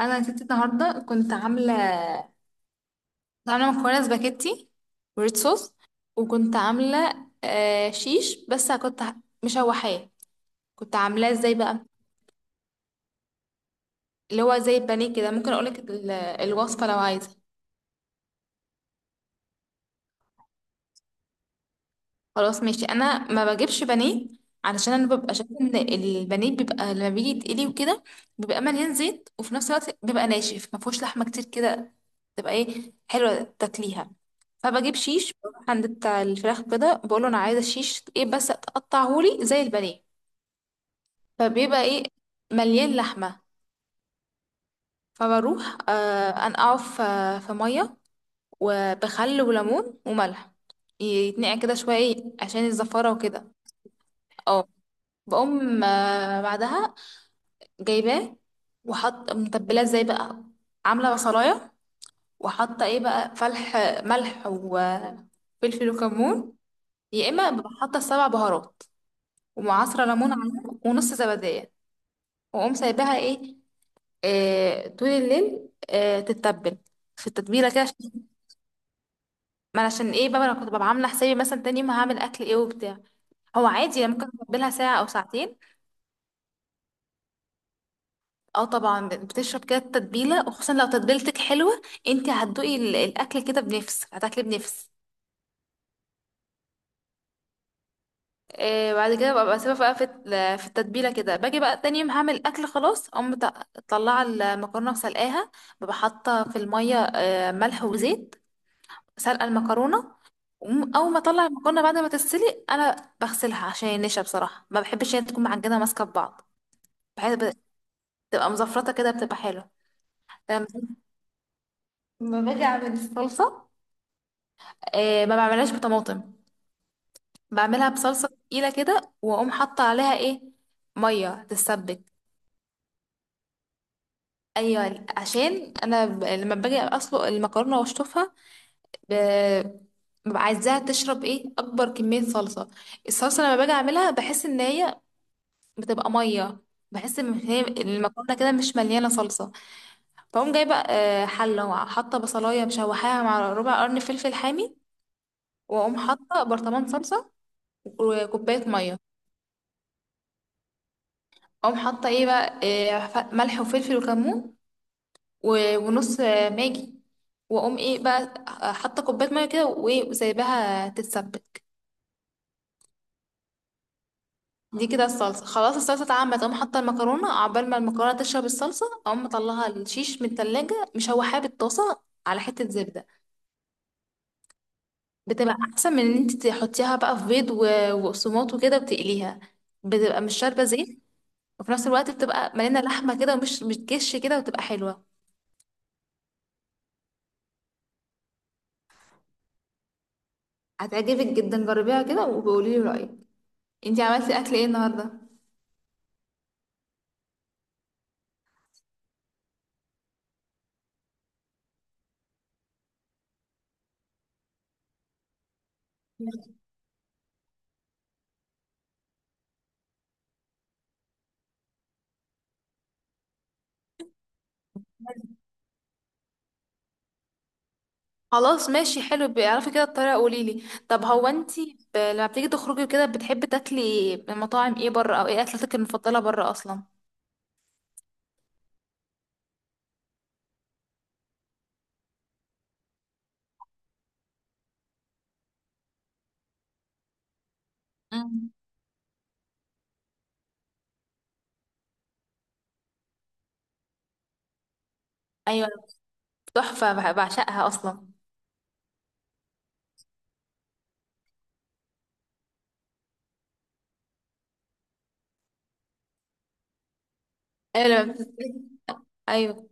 انا يا ستي النهارده كنت عامله مكرونه سباكيتي وريد صوص. وكنت عامله شيش، بس كنت مشوحاه. كنت عاملاه ازاي بقى؟ اللي هو زي البانيه كده. ممكن اقولك الوصفه لو عايزه. خلاص ماشي، انا ما بجيبش بانيه، علشان انا ببقى شايفه ان البانيه بيبقى لما بيجي يتقلي وكده بيبقى مليان زيت، وفي نفس الوقت بيبقى ناشف ما فيهوش لحمه كتير كده تبقى ايه حلوه تاكليها. فبجيب شيش، بروح عند بتاع الفراخ كده بقول له انا عايزه شيش ايه بس تقطعهولي زي البانيه. فبيبقى ايه، مليان لحمه. فبروح انقعه في ميه وبخل وليمون وملح، يتنقع كده شويه إيه عشان الزفاره وكده. آه. بقوم بعدها جايباه وحط متبلاه ازاي بقى. عامله بصلايه، وحاطه ايه بقى، فلح، ملح وفلفل وكمون. يا اما ببقى حاطه 7 بهارات، ومعصره ليمون عليها ونص زبديه. واقوم سايباها ايه طول الليل تتبل في التتبيله كده ما أنا عشان ايه بقى انا كنت ببقى عامله حسابي مثلا تاني يوم هعمل اكل ايه وبتاع. هو عادي، أنا ممكن اتبلها ساعه او ساعتين. اه، طبعا بتشرب كده التتبيله، وخصوصا لو تتبيلتك حلوه انت هتدوقي الاكل كده بنفس، هتاكلي بنفس. بعد كده ببقى سيبها بقى في التتبيله كده، باجي بقى تاني يوم هعمل اكل، خلاص اقوم مطلعه المكرونه وسلقاها. ببقى حاطه في الميه ملح وزيت. سلقه المكرونه. اول ما اطلع المكرونه بعد ما تتسلق انا بغسلها عشان النشا، بصراحه ما بحبش هي تكون معجنه ماسكه في بعض. بحيث بتبقى مزفرطه كده، بتبقى حلوه. لما باجي اعمل الصلصه، ما بعملهاش بطماطم، بعملها بصلصة تقيلة كده، وأقوم حاطة عليها ايه، مية تتسبك. أيوة، عشان أنا لما باجي أسلق المكرونة وأشطفها، ب- ببقى عايزاها تشرب ايه أكبر كمية صلصة. الصلصة لما باجي أعملها بحس إن هي بتبقى مية، بحس إن هي المكرونة كده مش مليانة صلصة. فأقوم جايبة حلة، وحاطة بصلاية مشوحاها مع ربع قرن فلفل حامي. وأقوم حاطة برطمان صلصة وكوباية مية. أقوم حاطة ايه بقى، إيه، ملح وفلفل وكمون ونص ماجي. واقوم ايه بقى حاطه كوبايه ميه كده، وايه، وسايباها تتسبك. دي كده الصلصه، خلاص الصلصه اتعملت، اقوم حاطه المكرونه عقبال ما المكرونه تشرب الصلصه. اقوم مطلعها الشيش من التلاجة، مشوحاها بالطاسه على حته زبده. بتبقى احسن من ان انت تحطيها بقى في بيض وقسماط وكده وتقليها، بتبقى مش شاربه زيت، وفي نفس الوقت بتبقى مليانه لحمه كده ومش بتكش كده وتبقى حلوه. هتعجبك جدا، جربيها كده وبقولي لي رايك. انتي عملتي اكل ايه النهارده؟ خلاص ماشي، حلو، بيعرفي كده الطريقة قوليلي. طب هو انتي لما بتيجي تخرجي كده بتحبي تاكلي من مطاعم ايه بره؟ او ايه اكلتك المفضلة بره اصلا؟ مم. ايوه، تحفة، بعشقها اصلا. ايوه ايوه.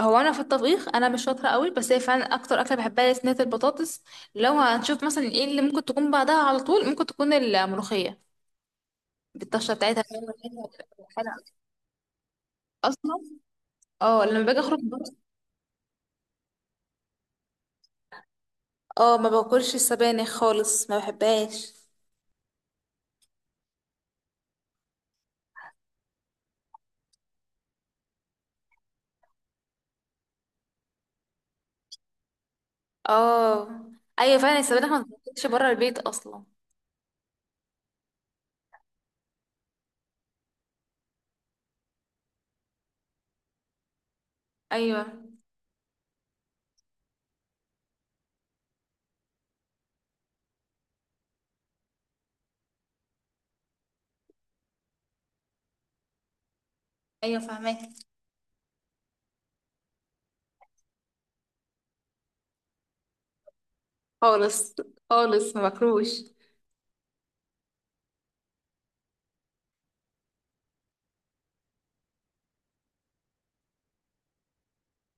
هو انا في الطبيخ انا مش شاطرة قوي، بس هي فعلا اكتر اكلة بحبها هي صينية البطاطس. لو هنشوف مثلا ايه اللي ممكن تكون بعدها على طول، ممكن تكون الملوخية بالطشة بتاعتها اصلا. اه، لما باجي اخرج بره، اه ما باكلش السبانخ خالص، ما بحبهاش. اه، ايوه فعلا، السبانخ ما بتاكلش بره البيت اصلا. ايوه. ايوه فاهمك. خالص، خالص ما باكلوش.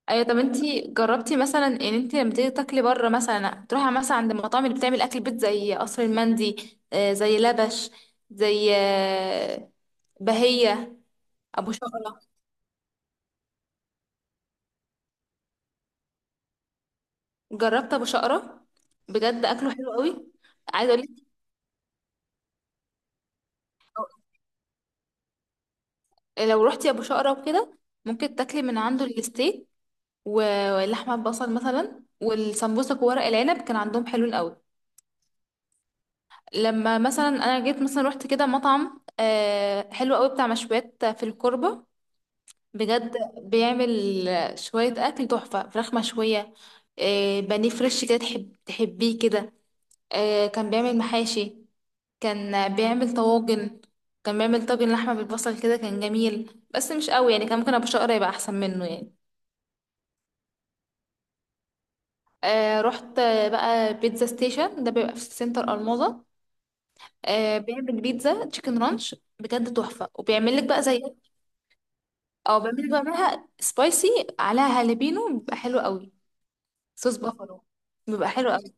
ايوه، طب انتي جربتي مثلا ان انتي لما تيجي تاكلي بره، مثلا تروحي مثلا عند المطاعم اللي بتعمل اكل بيت زي قصر المندي، زي لبش، زي بهية. ابو شقرة، جربت ابو شقرة، بجد اكله حلو قوي. عايزه اقول لك، لو رحتي ابو شقرة وكده ممكن تاكلي من عنده الستيك ولحمة بصل مثلا، والسمبوسك وورق العنب كان عندهم حلو قوي. لما مثلا انا جيت مثلا رحت كده مطعم حلو قوي بتاع مشويات في الكوربة، بجد بيعمل شوية اكل تحفة. فراخ مشوية، بانيه فريش كده تحب تحبيه كده. كان بيعمل محاشي، كان بيعمل طواجن، كان بيعمل طاجن لحمة بالبصل كده، كان جميل بس مش قوي يعني، كان ممكن ابو شقرة يبقى احسن منه يعني. رحت بقى بيتزا ستيشن، ده بيبقى في سنتر الماظة. بيعمل بيتزا تشيكن رانش بجد تحفة، وبيعمل لك بقى زي، او بيعمل لك بقى معاها سبايسي، عليها هالبينو بيبقى حلو قوي. صوص بافالو بيبقى حلو قوي.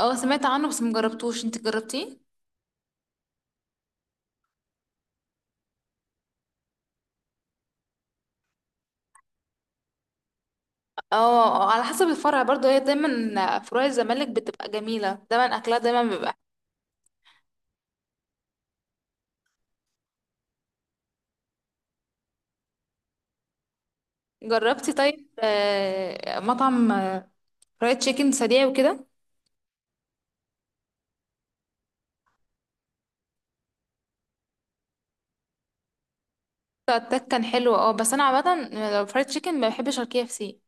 اه، سمعت عنه بس مجربتوش، انت جربتيه؟ اه على حسب الفرع برضه، هي دايما فروع الزمالك بتبقى جميلة، دايما اكلها دايما بيبقى. جربتي طيب مطعم فرايد تشيكن سريع وكده؟ التك كان حلو، اه، بس انا عامة لو فرايد تشيكن ما بحبش الـKFC،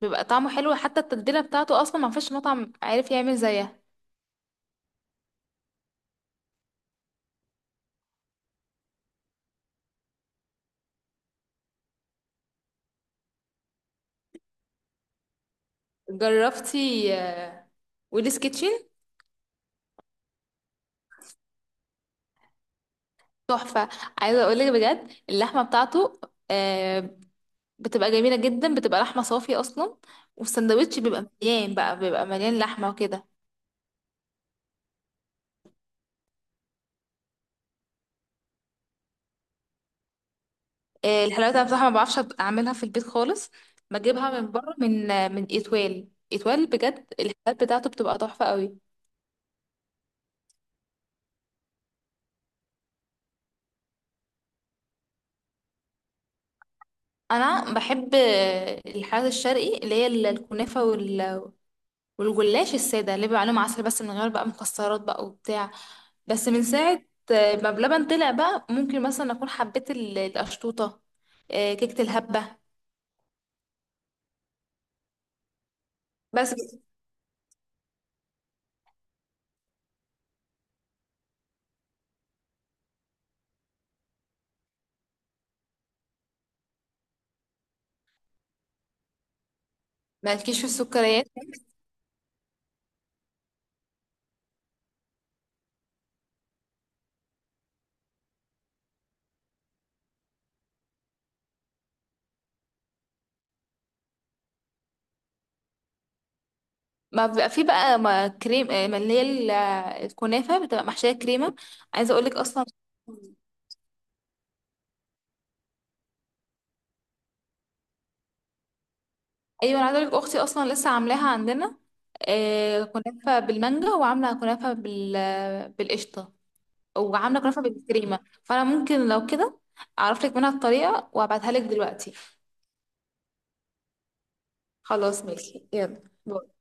بيبقى طعمه حلو، حتى التتبيلة بتاعته أصلا ما فيش مطعم عارف يعمل زيها. جربتي ويلز كيتشن؟ تحفة، عايزة أقولك بجد اللحمة بتاعته آه، بتبقى جميلة جدا، بتبقى لحمة صافية أصلا. والسندوتش بيبقى مليان بقى، بيبقى مليان لحمة وكده. الحلاوة أنا بصراحة ما بعرفش أعملها في البيت خالص، بجيبها من بره، من إتوال. إتوال بجد الحلويات بتاعته بتبقى تحفة قوي. أنا بحب الحلويات الشرقي اللي هي الكنافة والجلاش الساده اللي بيبقى عليه عسل بس من غير بقى مكسرات بقى وبتاع. بس من ساعه ما بلبن طلع بقى ممكن مثلا اكون حبيت القشطوطه، كيكه الهبه. بس مالكيش في السكريات، ما بيبقى في بقى ما كريم، ما اللي هي الكنافه بتبقى محشيه كريمه. عايزه اقول لك اصلا، ايوه انا عايزه اقول لك اختي اصلا لسه عاملاها عندنا كنافه بالمانجا، وعامله كنافه بالقشطه، وعامله كنافه بالكريمه. فانا ممكن لو كده اعرف لك منها الطريقه وابعتها لك دلوقتي. خلاص ماشي، يلا باي.